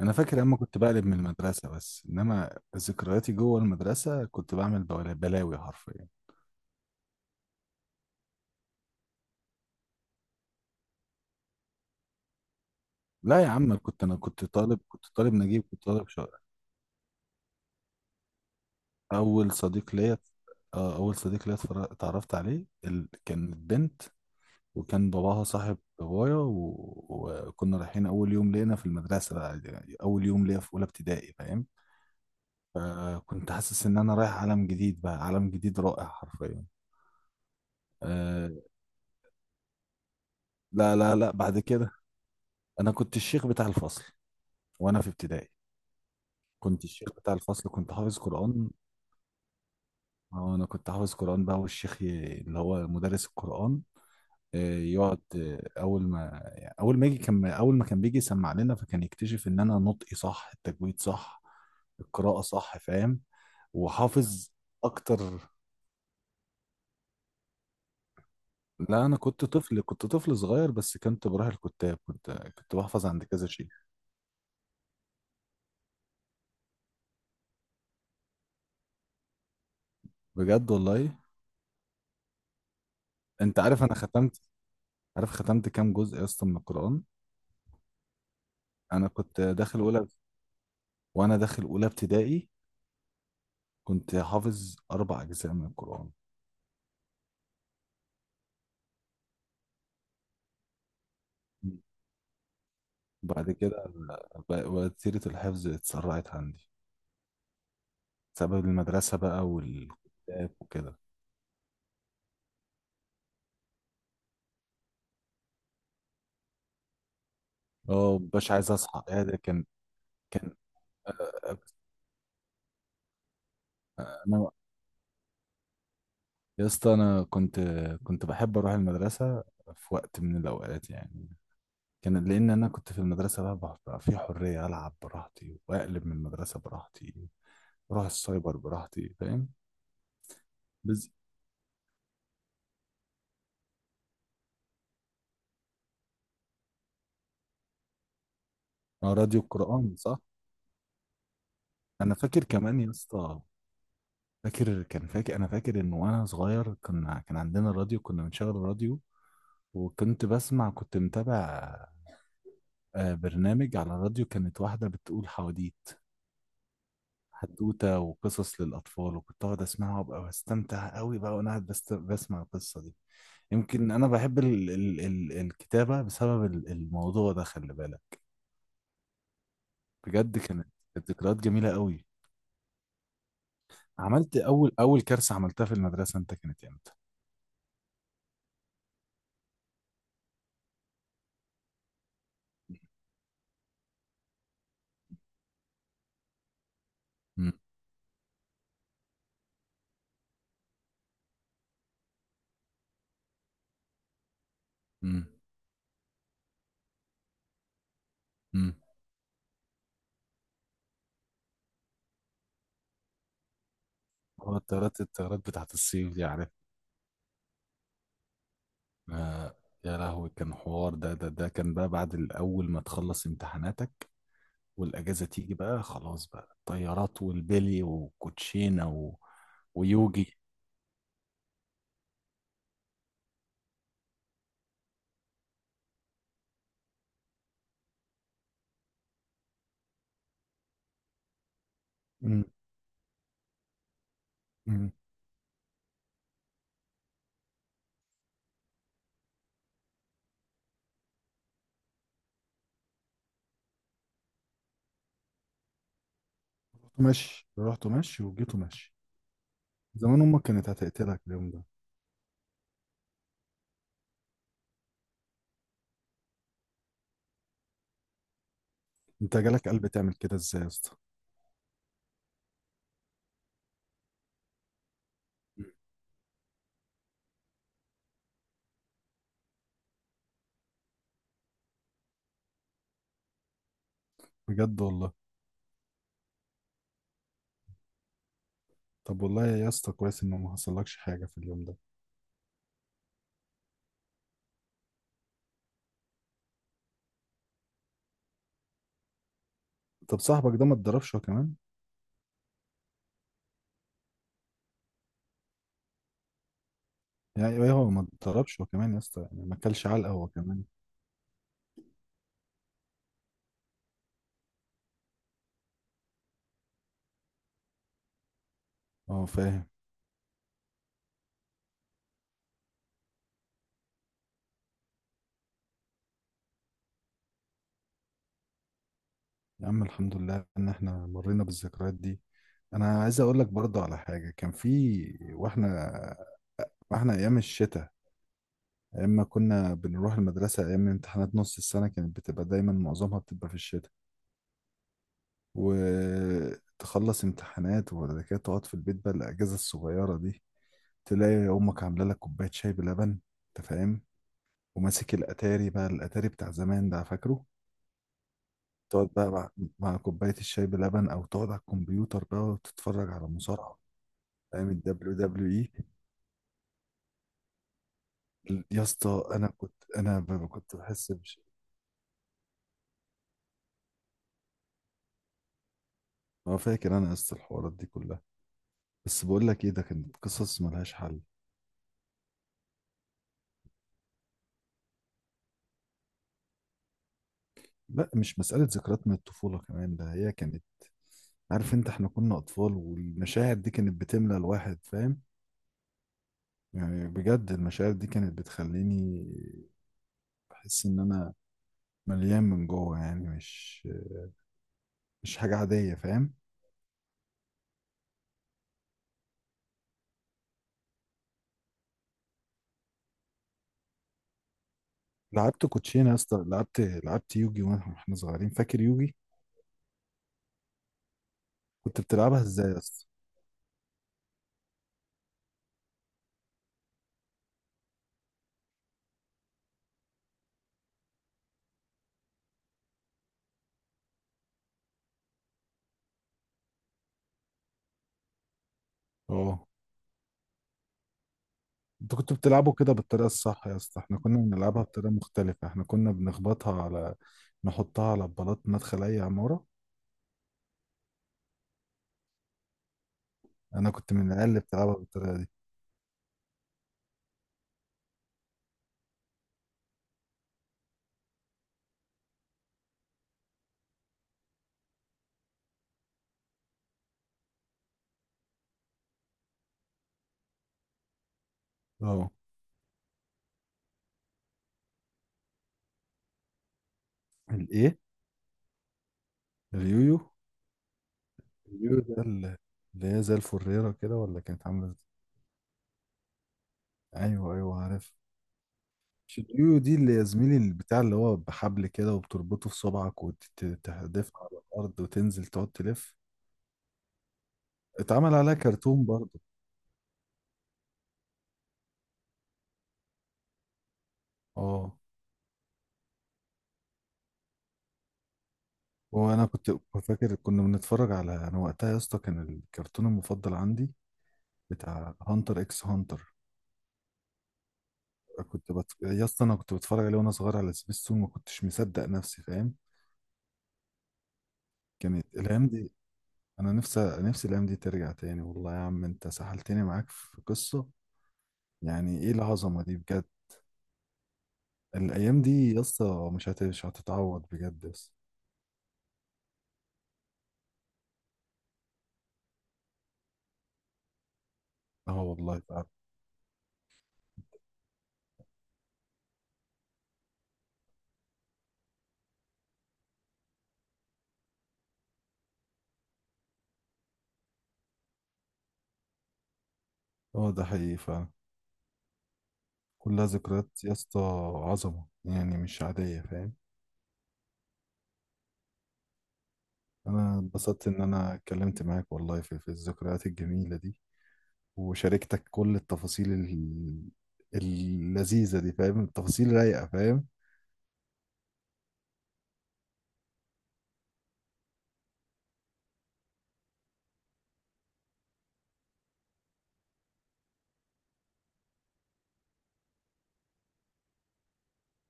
انا فاكر اما كنت بقلب من المدرسه، بس انما ذكرياتي جوه المدرسه كنت بعمل بلاوي حرفيا. لا يا عم، انا كنت طالب، كنت طالب نجيب، كنت طالب شاطر. اول صديق ليا، اتعرفت عليه كانت بنت. وكان باباها صاحب بابايا. وكنا رايحين اول يوم لينا في المدرسه، بقى يعني اول يوم ليا في اولى ابتدائي، فاهم؟ فكنت حاسس ان انا رايح عالم جديد، بقى عالم جديد رائع حرفيا. أه... لا لا لا، بعد كده انا كنت الشيخ بتاع الفصل وانا في ابتدائي. كنت الشيخ بتاع الفصل، كنت حافظ قرآن. آه، انا كنت حافظ قرآن بقى، والشيخ اللي هو مدرس القرآن، يقعد اول ما يعني اول ما يجي، كان اول ما كان بيجي يسمع لنا، فكان يكتشف ان انا نطقي صح، التجويد صح، القراءة صح، فاهم؟ وحافظ اكتر. لا، انا كنت طفل، كنت طفل صغير، بس كنت بروح الكتاب، كنت بحفظ عند كذا شيخ. بجد والله. انت عارف انا ختمت، عارف ختمت كام جزء يا اسطى من القرآن؟ انا كنت داخل اولى، وانا داخل اولى ابتدائي كنت حافظ اربع اجزاء من القران. بعد كده وتيرة الحفظ اتسرعت عندي بسبب المدرسة بقى والكتاب وكده. اه، مبقاش عايز اصحى، ايه ده كان كان آه، انا يا اسطى، انا كنت بحب اروح المدرسة في وقت من الاوقات يعني. كان لان انا كنت في المدرسة بقى بقى في حرية، العب براحتي واقلب من المدرسة براحتي، اروح السايبر براحتي، فاهم؟ بز... آه، راديو القرآن صح. انا فاكر كمان يا اسطى، فاكر، كان فاكر، انا فاكر ان وانا صغير كنا كان عندنا راديو، كنا بنشغل الراديو، وكنت بسمع، كنت متابع برنامج على الراديو، كانت واحده بتقول حواديت، حدوته وقصص للاطفال، وكنت اقعد اسمعها وابقى بستمتع قوي بقى وانا قاعد بسمع القصه دي. يمكن انا بحب ال ال ال الكتابه بسبب الموضوع ده، خلي بالك. بجد كانت ذكريات جميله قوي. عملت اول كارثه عملتها في المدرسه انت كانت امتى؟ مم. مم. مم. هو الطيارات بتاعت الصيف دي، عارف؟ آه، يا لهوي، كان حوار ده كان بقى بعد الأول ما تخلص امتحاناتك والأجازة تيجي بقى، خلاص بقى الطيارات والبلي وكوتشينة ويوجي. امم. امم. رحت ماشي، رحت ماشي وجيت ماشي. زمان امك كانت هتقتلك اليوم ده. انت جالك قلب تعمل كده ازاي يا اسطى؟ مم. بجد والله. طب والله يا اسطى كويس ان ما حصلكش حاجه في اليوم ده. طب صاحبك ده ما اتضربش هو كمان؟ يعني ايه هو ما اتضربش هو كمان يا اسطى؟ يعني ما اكلش علقه هو كمان؟ اه، فاهم. يا عم، الحمد لله ان احنا مرينا بالذكريات دي. انا عايز اقول لك برضو على حاجه كان في، واحنا واحنا ايام الشتاء، ايام ما كنا بنروح المدرسه، ايام امتحانات نص السنه كانت بتبقى دايما معظمها بتبقى في الشتاء. وتخلص امتحانات وبعد كده تقعد في البيت بقى الاجازه الصغيره دي، تلاقي امك عامله لك كوبايه شاي بلبن، انت فاهم؟ وماسك الاتاري بقى، الاتاري بتاع زمان ده فاكره؟ تقعد بقى مع كوباية الشاي بلبن، أو تقعد على الكمبيوتر بقى وتتفرج على مصارعة، فاهم؟ ال WWE. يا اسطى، أنا كنت كنت بحس. ما فاكر أنا يا اسطى الحوارات دي كلها. بس بقول لك إيه، ده كانت قصص ملهاش حل. لا، مش مسألة ذكريات من الطفولة كمان، ده هي كانت، عارف أنت، إحنا كنا أطفال، والمشاعر دي كانت بتملى الواحد، فاهم؟ يعني بجد المشاعر دي كانت بتخليني بحس إن أنا مليان من جوه، يعني مش مش حاجة عادية، فاهم؟ لعبت كوتشينه يا اسطى، لعبت يوجي، واحنا صغيرين، فاكر يوجي؟ كنت بتلعبها ازاي يا اسطى؟ اه. انت كنت بتلعبه كده بالطريقه الصح يا اسطى؟ احنا كنا بنلعبها بطريقه مختلفه، احنا كنا بنخبطها على، نحطها على بلاط مدخل اي عماره. انا كنت من العيال اللي بتلعبها بالطريقه دي. اه. الايه؟ اليويو. اليويو ده اللي هي زي الفريره كده، ولا كانت عامله ازاي؟ ايوه، ايوه، عارف. الشديو دي اللي يا زميلي، اللي بتاع اللي هو بحبل كده وبتربطه في صبعك وتحدفها على الأرض وتنزل تقعد تلف. اتعمل عليها كرتون برضه. اه. وانا كنت فاكر كنا بنتفرج على، انا وقتها يا اسطى كان الكرتون المفضل عندي بتاع هانتر اكس هانتر. يا اسطى انا كنت بتفرج عليه وانا صغير على سبيستون، ما كنتش مصدق نفسي، فاهم؟ كانت الايام دي، انا نفسي نفسي الايام دي ترجع تاني والله يا عم، انت سحلتني معاك في قصة. يعني ايه العظمة دي بجد؟ الايام دي يا اسطى مش هتتعوض بجد يا اسطى. اه والله فعلا. اه، ده حقيقي فعلا. كلها ذكريات يا اسطى، عظمه يعني مش عاديه، فاهم؟ انا اتبسطت ان انا اتكلمت معاك والله في الذكريات الجميله دي، وشاركتك كل التفاصيل اللذيذه دي، فاهم؟ التفاصيل رايقه، فاهم؟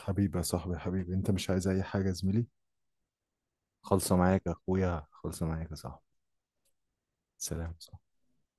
حبيبي يا صاحبي، حبيبي انت، مش عايز اي حاجه يا زميلي؟ خلصه معاك يا اخويا، خلصه معاك يا صاحبي. سلام.